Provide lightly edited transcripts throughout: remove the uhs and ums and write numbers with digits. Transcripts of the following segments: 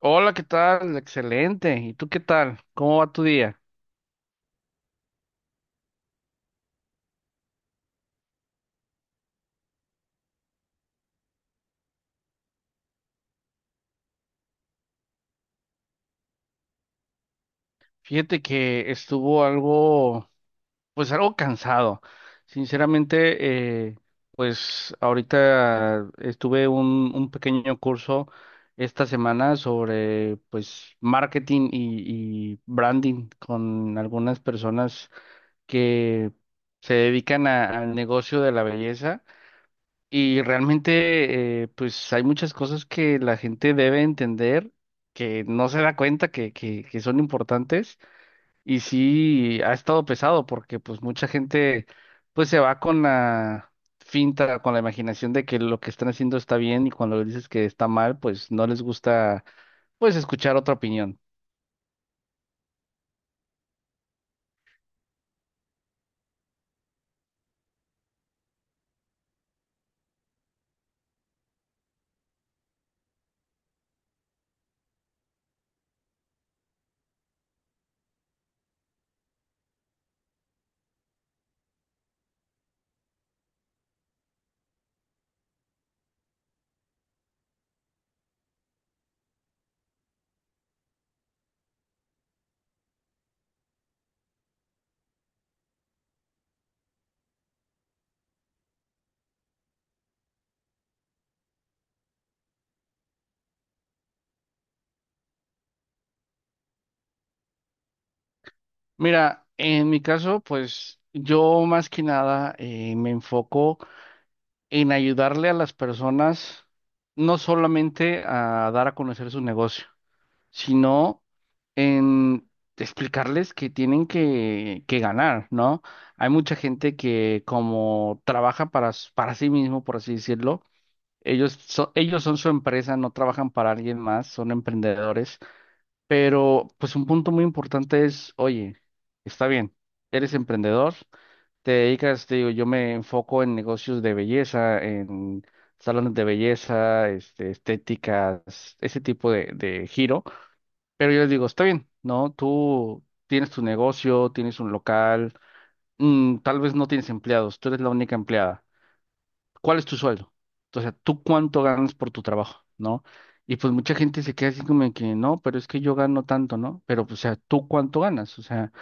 Hola, ¿qué tal? Excelente. ¿Y tú qué tal? ¿Cómo va tu día? Fíjate que estuvo pues algo cansado. Sinceramente, pues ahorita estuve un pequeño curso esta semana sobre, pues, marketing y branding con algunas personas que se dedican al negocio de la belleza. Y realmente, pues hay muchas cosas que la gente debe entender, que no se da cuenta que son importantes. Y sí, ha estado pesado porque pues mucha gente pues se va con la finta, con la imaginación de que lo que están haciendo está bien y cuando les dices que está mal, pues no les gusta pues escuchar otra opinión. Mira, en mi caso, pues yo más que nada me enfoco en ayudarle a las personas no solamente a dar a conocer su negocio, sino en explicarles que tienen que ganar, ¿no? Hay mucha gente que como trabaja para sí mismo, por así decirlo, ellos son su empresa, no trabajan para alguien más, son emprendedores, pero pues un punto muy importante es, oye, está bien, eres emprendedor te dedicas, te digo, yo me enfoco en negocios de belleza, en salones de belleza, estéticas, ese tipo de giro. Pero yo les digo, está bien, ¿no? Tú tienes tu negocio, tienes un local, tal vez no tienes empleados, tú eres la única empleada. ¿Cuál es tu sueldo? O sea, ¿tú cuánto ganas por tu trabajo, no? Y pues mucha gente se queda así como de que no, pero es que yo gano tanto, ¿no? Pero pues, o sea, ¿tú cuánto ganas? O sea,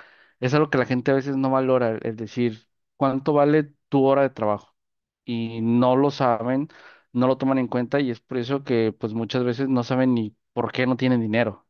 es algo que la gente a veces no valora, es decir, ¿cuánto vale tu hora de trabajo? Y no lo saben, no lo toman en cuenta y es por eso que pues muchas veces no saben ni por qué no tienen dinero.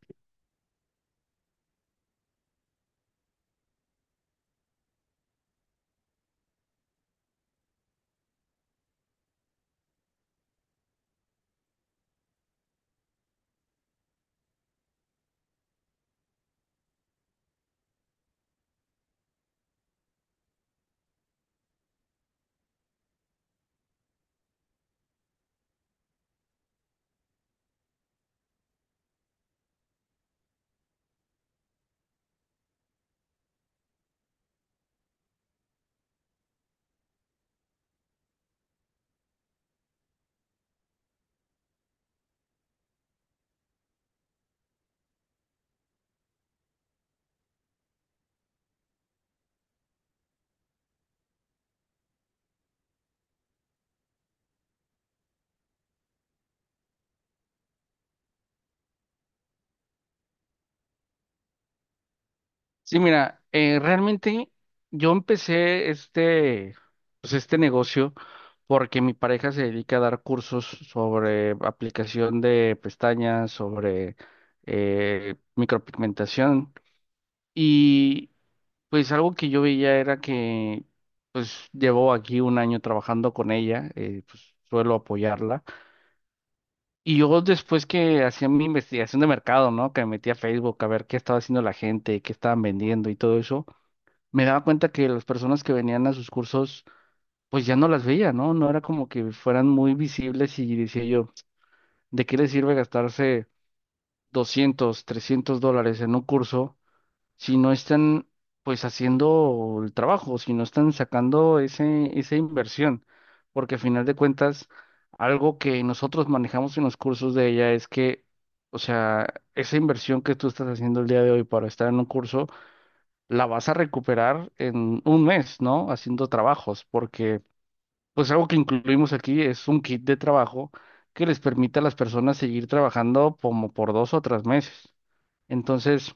Sí, mira, realmente yo empecé este, pues este negocio porque mi pareja se dedica a dar cursos sobre aplicación de pestañas, sobre micropigmentación y pues algo que yo veía era que pues llevo aquí un año trabajando con ella, pues suelo apoyarla y yo después que hacía mi investigación de mercado, ¿no? Que me metía a Facebook a ver qué estaba haciendo la gente, qué estaban vendiendo y todo eso me daba cuenta que las personas que venían a sus cursos, pues ya no las veía, ¿no? No era como que fueran muy visibles y decía yo, ¿de qué les sirve gastarse $200-$300 en un curso si no están, pues, haciendo el trabajo, si no están sacando esa inversión? Porque al final de cuentas, algo que nosotros manejamos en los cursos de ella es que, o sea, esa inversión que tú estás haciendo el día de hoy para estar en un curso, la vas a recuperar en un mes, ¿no? Haciendo trabajos, porque pues algo que incluimos aquí es un kit de trabajo que les permite a las personas seguir trabajando como por 2 o 3 meses. Entonces,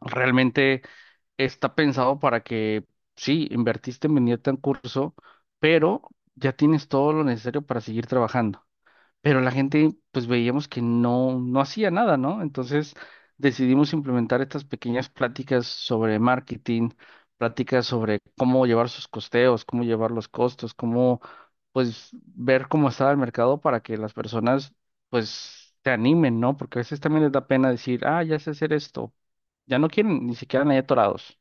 realmente está pensado para que, sí, invertiste en venirte a un curso, pero ya tienes todo lo necesario para seguir trabajando. Pero la gente, pues veíamos que no, no hacía nada, ¿no? Entonces decidimos implementar estas pequeñas pláticas sobre marketing, pláticas sobre cómo llevar sus costeos, cómo llevar los costos, cómo, pues, ver cómo estaba el mercado para que las personas, pues, se animen, ¿no? Porque a veces también les da pena decir, ah, ya sé hacer esto. Ya no quieren, ni siquiera ahí atorados.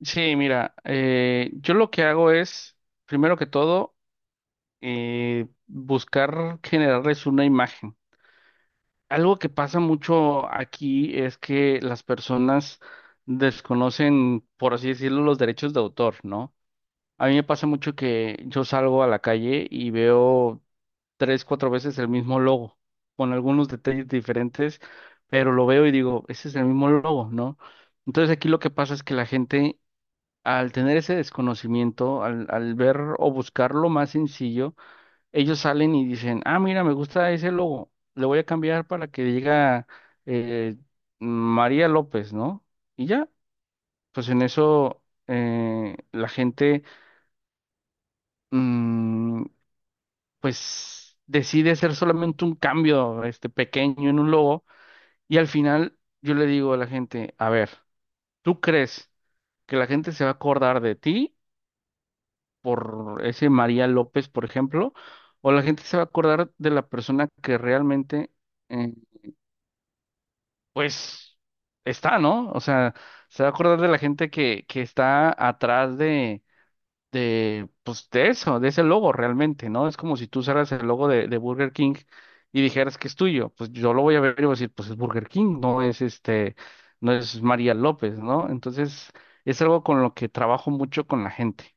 Sí, mira, yo lo que hago es, primero que todo, buscar generarles una imagen. Algo que pasa mucho aquí es que las personas desconocen, por así decirlo, los derechos de autor, ¿no? A mí me pasa mucho que yo salgo a la calle y veo tres, cuatro veces el mismo logo, con algunos detalles diferentes, pero lo veo y digo, ese es el mismo logo, ¿no? Entonces aquí lo que pasa es que la gente, al tener ese desconocimiento, al ver o buscar lo más sencillo, ellos salen y dicen, ah, mira, me gusta ese logo, le voy a cambiar para que diga eh, María López, ¿no? Y ya, pues en eso la gente, mm, pues decide hacer solamente un cambio pequeño en un logo y al final yo le digo a la gente, a ver, ¿tú crees que la gente se va a acordar de ti por ese María López, por ejemplo? ¿O la gente se va a acordar de la persona que realmente eh, pues está, ¿no? O sea, se va a acordar de la gente que está atrás de, pues de eso, de ese logo realmente, ¿no? Es como si tú usaras el logo de Burger King y dijeras que es tuyo. Pues yo lo voy a ver y voy a decir, pues es Burger King, no es este, no es María López, ¿no? Entonces, es algo con lo que trabajo mucho con la gente.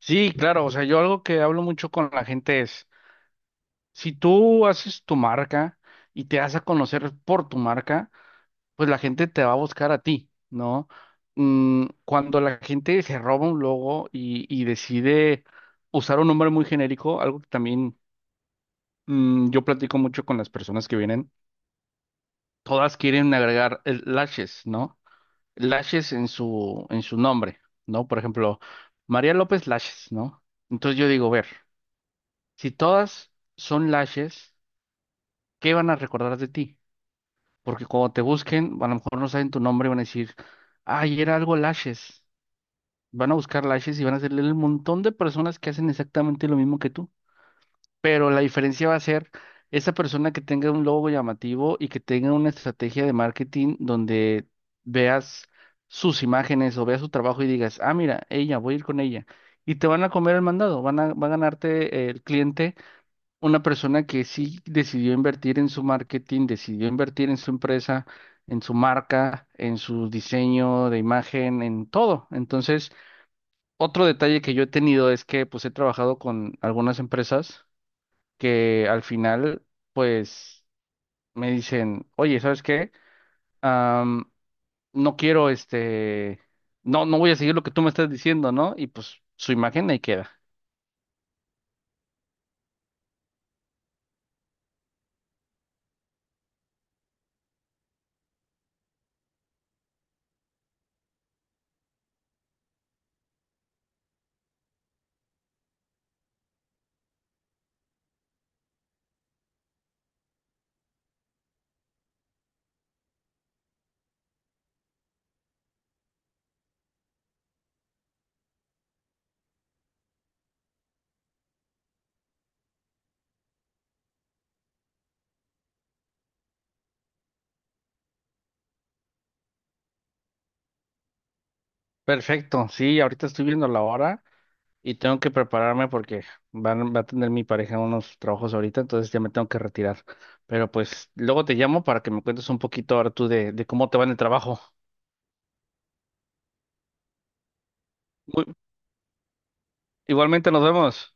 Sí, claro, o sea, yo algo que hablo mucho con la gente es, si tú haces tu marca y te das a conocer por tu marca, pues la gente te va a buscar a ti, ¿no? Cuando la gente se roba un logo y decide usar un nombre muy genérico, algo que también yo platico mucho con las personas que vienen, todas quieren agregar el lashes, ¿no? Lashes en su nombre, ¿no? Por ejemplo, María López Lashes, ¿no? Entonces yo digo, ver, si todas son lashes, ¿qué van a recordar de ti? Porque cuando te busquen, a lo mejor no saben tu nombre y van a decir, ay, era algo lashes. Van a buscar lashes y van a hacerle el montón de personas que hacen exactamente lo mismo que tú. Pero la diferencia va a ser esa persona que tenga un logo llamativo y que tenga una estrategia de marketing donde veas sus imágenes o veas su trabajo y digas, ah, mira, ella, voy a ir con ella. Y te van a comer el mandado, va a ganarte el cliente, una persona que sí decidió invertir en su marketing, decidió invertir en su empresa, en su marca, en su diseño de imagen, en todo. Entonces, otro detalle que yo he tenido es que pues he trabajado con algunas empresas que al final pues me dicen, oye, ¿sabes qué? Am, no quiero este, no, no voy a seguir lo que tú me estás diciendo, ¿no? Y pues su imagen ahí queda. Perfecto, sí, ahorita estoy viendo la hora y tengo que prepararme porque va a tener mi pareja unos trabajos ahorita, entonces ya me tengo que retirar. Pero pues luego te llamo para que me cuentes un poquito ahora tú de cómo te va en el trabajo. Muy- Igualmente nos vemos.